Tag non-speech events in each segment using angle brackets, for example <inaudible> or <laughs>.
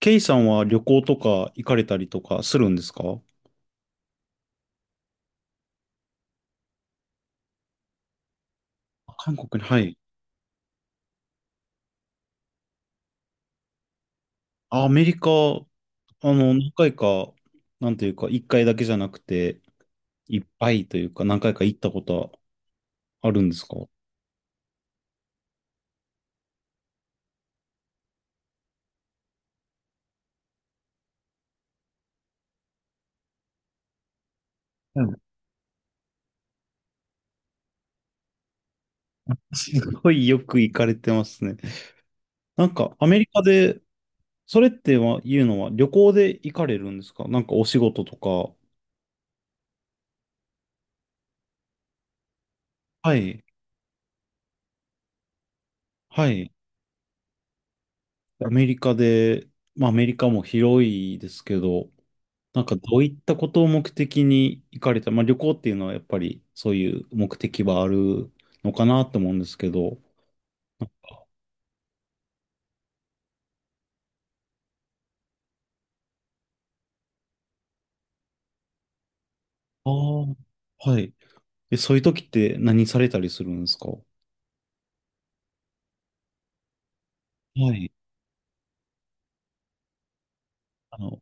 ケイさんは旅行とか行かれたりとかするんですか？韓国に、はい。あアメリカ、何回か、なんというか、一回だけじゃなくて、いっぱいというか、何回か行ったことあるんですか？うん。すごいよく行かれてますね。なんか、アメリカで、それってはいうのは、旅行で行かれるんですか？なんかお仕事とか。はい、はい。アメリカで、まあ、アメリカも広いですけど、なんかどういったことを目的に行かれた、まあ、旅行っていうのはやっぱりそういう目的はあるのかなと思うんですけど。ああ、はい。え、そういう時って何されたりするんですか？はい。あの、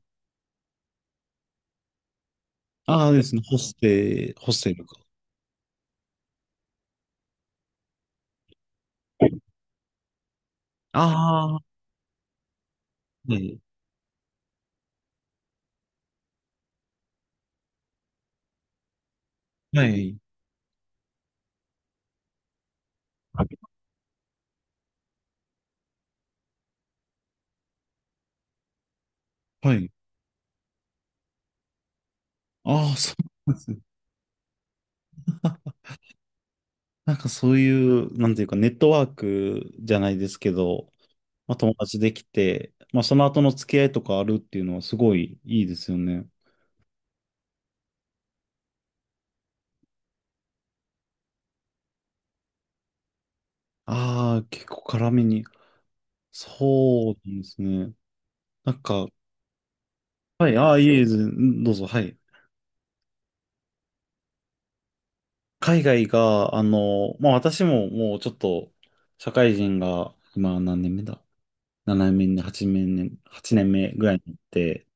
ああですね、ホステルか。ああ、はい。はい。はい。ああ、そうなんですね。あ、なんかそういう、なんていうか、ネットワークじゃないですけど、まあ、友達できて、まあ、その後の付き合いとかあるっていうのはすごいいいですよね。ああ、結構辛めに。そうなんですね。なんか、はい、ああ、いえいえ、どうぞ、はい。海外が、まあ私ももうちょっと、社会人が、今何年目だ？ 7 年目、8年目、8年目ぐらいになって、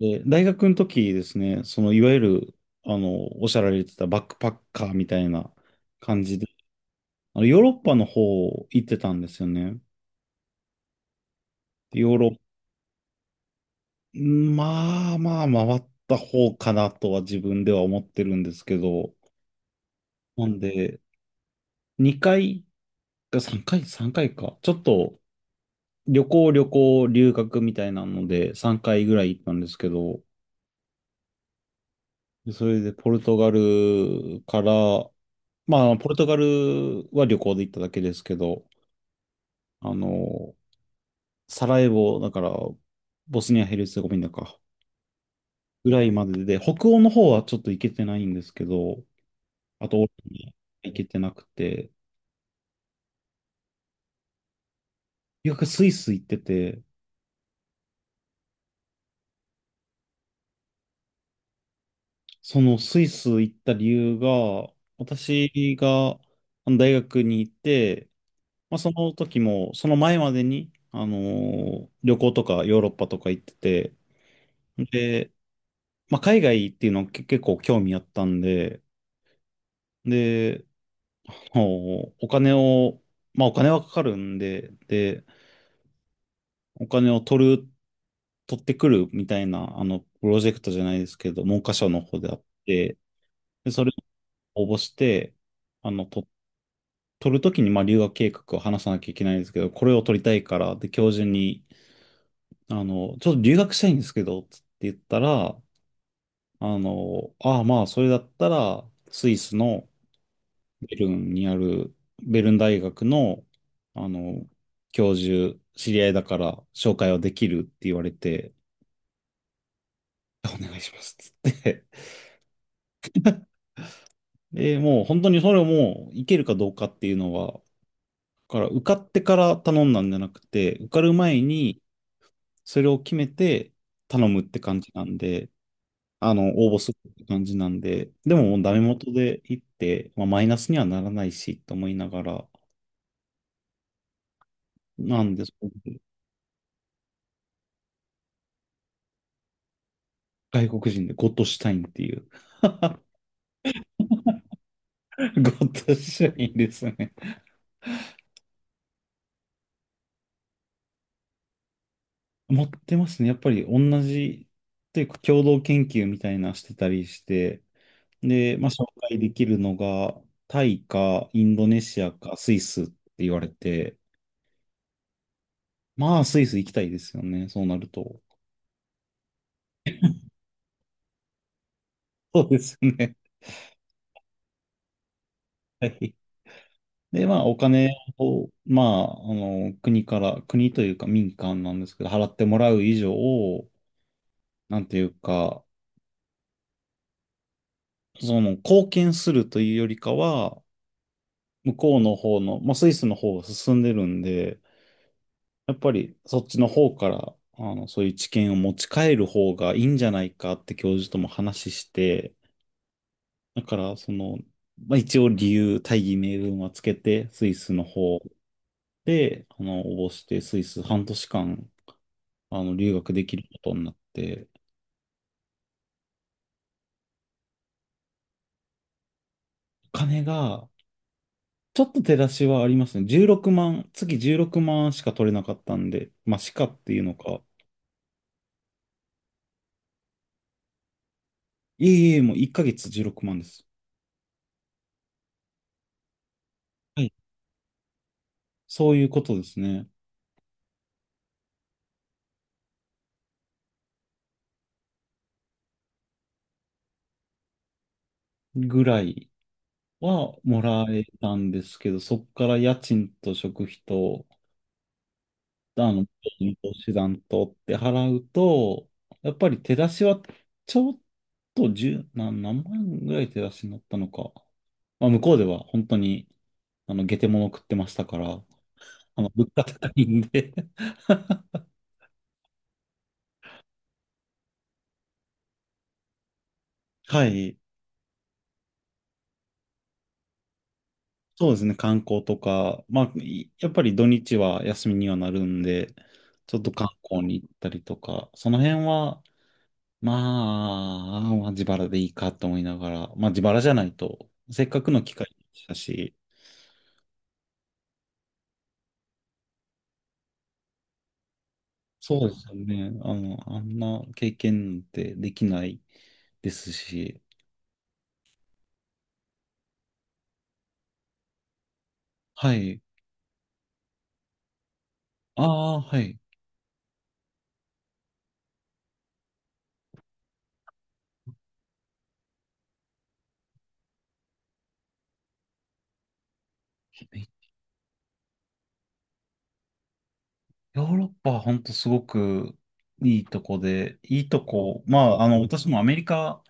で、大学の時ですね、その、いわゆる、おっしゃられてたバックパッカーみたいな感じで、ヨーロッパの方行ってたんですよね。でヨーロッまあまあ回った方かなとは自分では思ってるんですけど、なんで、2回か3回、3回かいか。ちょっと旅行、旅行、留学みたいなので3回ぐらい行ったんですけど、でそれでポルトガルから、まあポルトガルは旅行で行っただけですけど、あの、サラエボ、だからボスニア・ヘルツェゴビナか、ぐらいまでで、北欧の方はちょっと行けてないんですけど、あと、オーストリア行けてなくて、留学スイス行ってて、そのスイス行った理由が、私があの大学に行って、まあ、その時も、その前までに、旅行とかヨーロッパとか行ってて、で、まあ、海外っていうのけ結構興味あったんで、で、もうお金を、まあ、お金はかかるんで、で、お金を取ってくるみたいな、プロジェクトじゃないですけど、文科省の方であって、で、それを応募して、あの、と、取るときに、まあ、留学計画を話さなきゃいけないんですけど、これを取りたいから、で、教授に、ちょっと留学したいんですけど、つって言ったら、ああ、まあ、それだったら、スイスのベルンにある、ベルン大学の、あの、教授、知り合いだから、紹介はできるって言われて、お願いします、つって。で、もう本当にそれをもう、いけるかどうかっていうのは、受かってから頼んだんじゃなくて、受かる前に、それを決めて頼むって感じなんで、応募するって感じなんで、でももうダメ元で行って、まあ、マイナスにはならないし、と思いながら、なんで、そう。外国人でゴッドシュタインっていう <laughs> ゴッドシュタインですね。持ってますね。やっぱり同じ、というか共同研究みたいなしてたりして、で、まあ、紹介できるのが、タイか、インドネシアか、スイスって言われて、まあ、スイス行きたいですよね、そうなると。そうですよね。はい。で、まあ、お金を、まあ、国から、国というか民間なんですけど、払ってもらう以上を、なんていうか、その、貢献するというよりかは、向こうの方の、まあ、スイスの方が進んでるんで、やっぱりそっちの方から、そういう知見を持ち帰る方がいいんじゃないかって教授とも話して、だからその、まあ、一応理由、大義名分はつけて、スイスの方で、応募して、スイス半年間、留学できることになって、お金が、ちょっと手出しはありますね。16万、月16万しか取れなかったんで、まあ、しかっていうのか、いえいえ、もう1ヶ月16万です。はい、そういうことですね。ぐらいはもらえたんですけど、そこから家賃と食費と、あの、投資団とって払うと、やっぱり手出しはちょっと十何、何万ぐらい手出しになったのか。まあ、向こうでは本当に、下手物食ってましたから、物価高いんで <laughs> はい。そうですね、観光とか、まあ、いやっぱり土日は休みにはなるんで、ちょっと観光に行ったりとか、その辺は、ままあ自腹でいいかと思いながら、まあ自腹じゃないと、せっかくの機会でしたし、そうですよね。あんな経験ってできないですし、はい。ああ、はい。ヨーロッパは本当すごくいいとこで、いいとこ、まあ、私もアメリカ、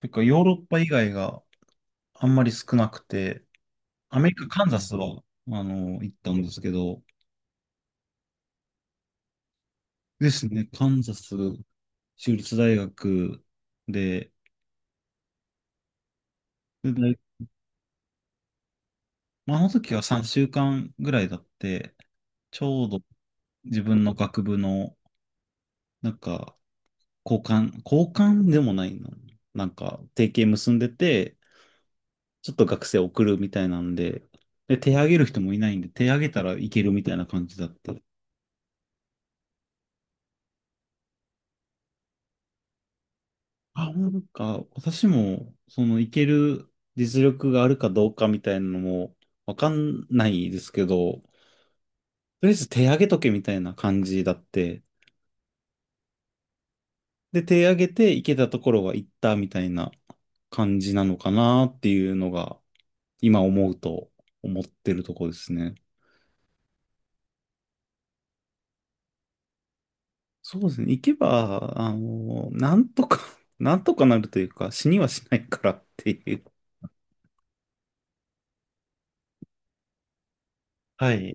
というかヨーロッパ以外があんまり少なくて、アメリカ、カンザスは、行ったんですけど、ですね。カンザス州立大学で、で大まあ、あの時は3週間ぐらいだって、ちょうど自分の学部の、なんか、交換、交換でもないの。なんか、提携結んでて、ちょっと学生送るみたいなんで、で、手挙げる人もいないんで、手挙げたらいけるみたいな感じだって。あ、なんか、私も、その、いける実力があるかどうかみたいなのも、わかんないですけど、とりあえず手上げとけみたいな感じだって。で、手上げて行けたところは行ったみたいな感じなのかなっていうのが、今思うと思ってるところですね。そうですね。行けば、あの、なんとか <laughs> なんとかなるというか、死にはしないからっていう。はい。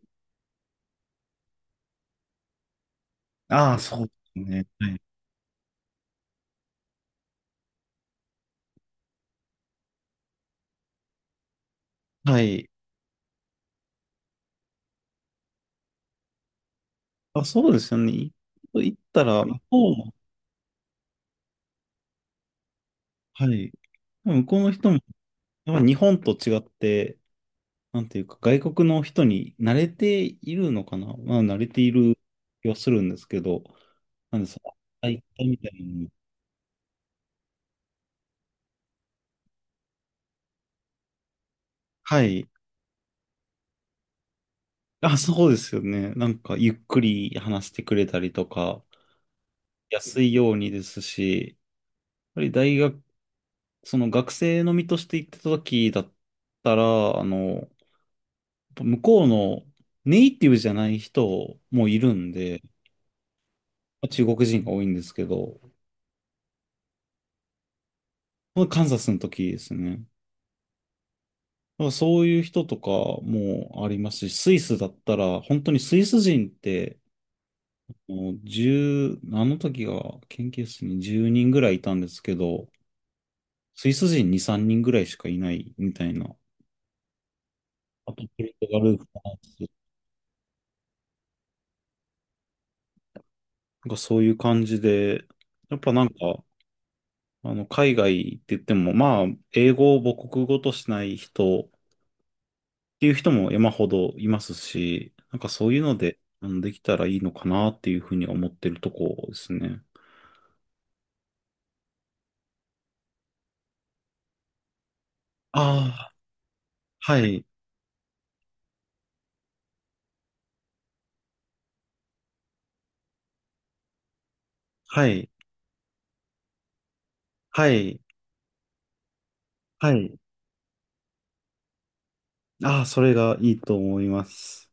ああ、そうですね。はい。はい。あ、そうですよね。行ったら、向こうも、はい。向こうの人も、やっぱ日本と違って、なんていうか、外国の人に慣れているのかな。まあ、慣れている気はするんですけど、なんでその、大会みたいなのもはい。あ、そうですよね。なんか、ゆっくり話してくれたりとか、安いようにですし、やっぱり大学、その学生の身として行ってた時だったら、向こうのネイティブじゃない人もいるんで、まあ中国人が多いんですけど、カンザスの時ですね。なんかそういう人とかもありますし、スイスだったら、本当にスイス人って、もう10、あの時が研究室に10人ぐらいいたんですけど、スイス人2、3人ぐらいしかいないみたいな、あとポルトガル、フランスなんかそういう感じで、やっぱなんか、海外って言っても、まあ、英語を母国語としない人っていう人も山ほどいますし、なんかそういうので、できたらいいのかなっていうふうに思ってるとこですね。ああ、はい、はい、はい、はい。ああ、それがいいと思います。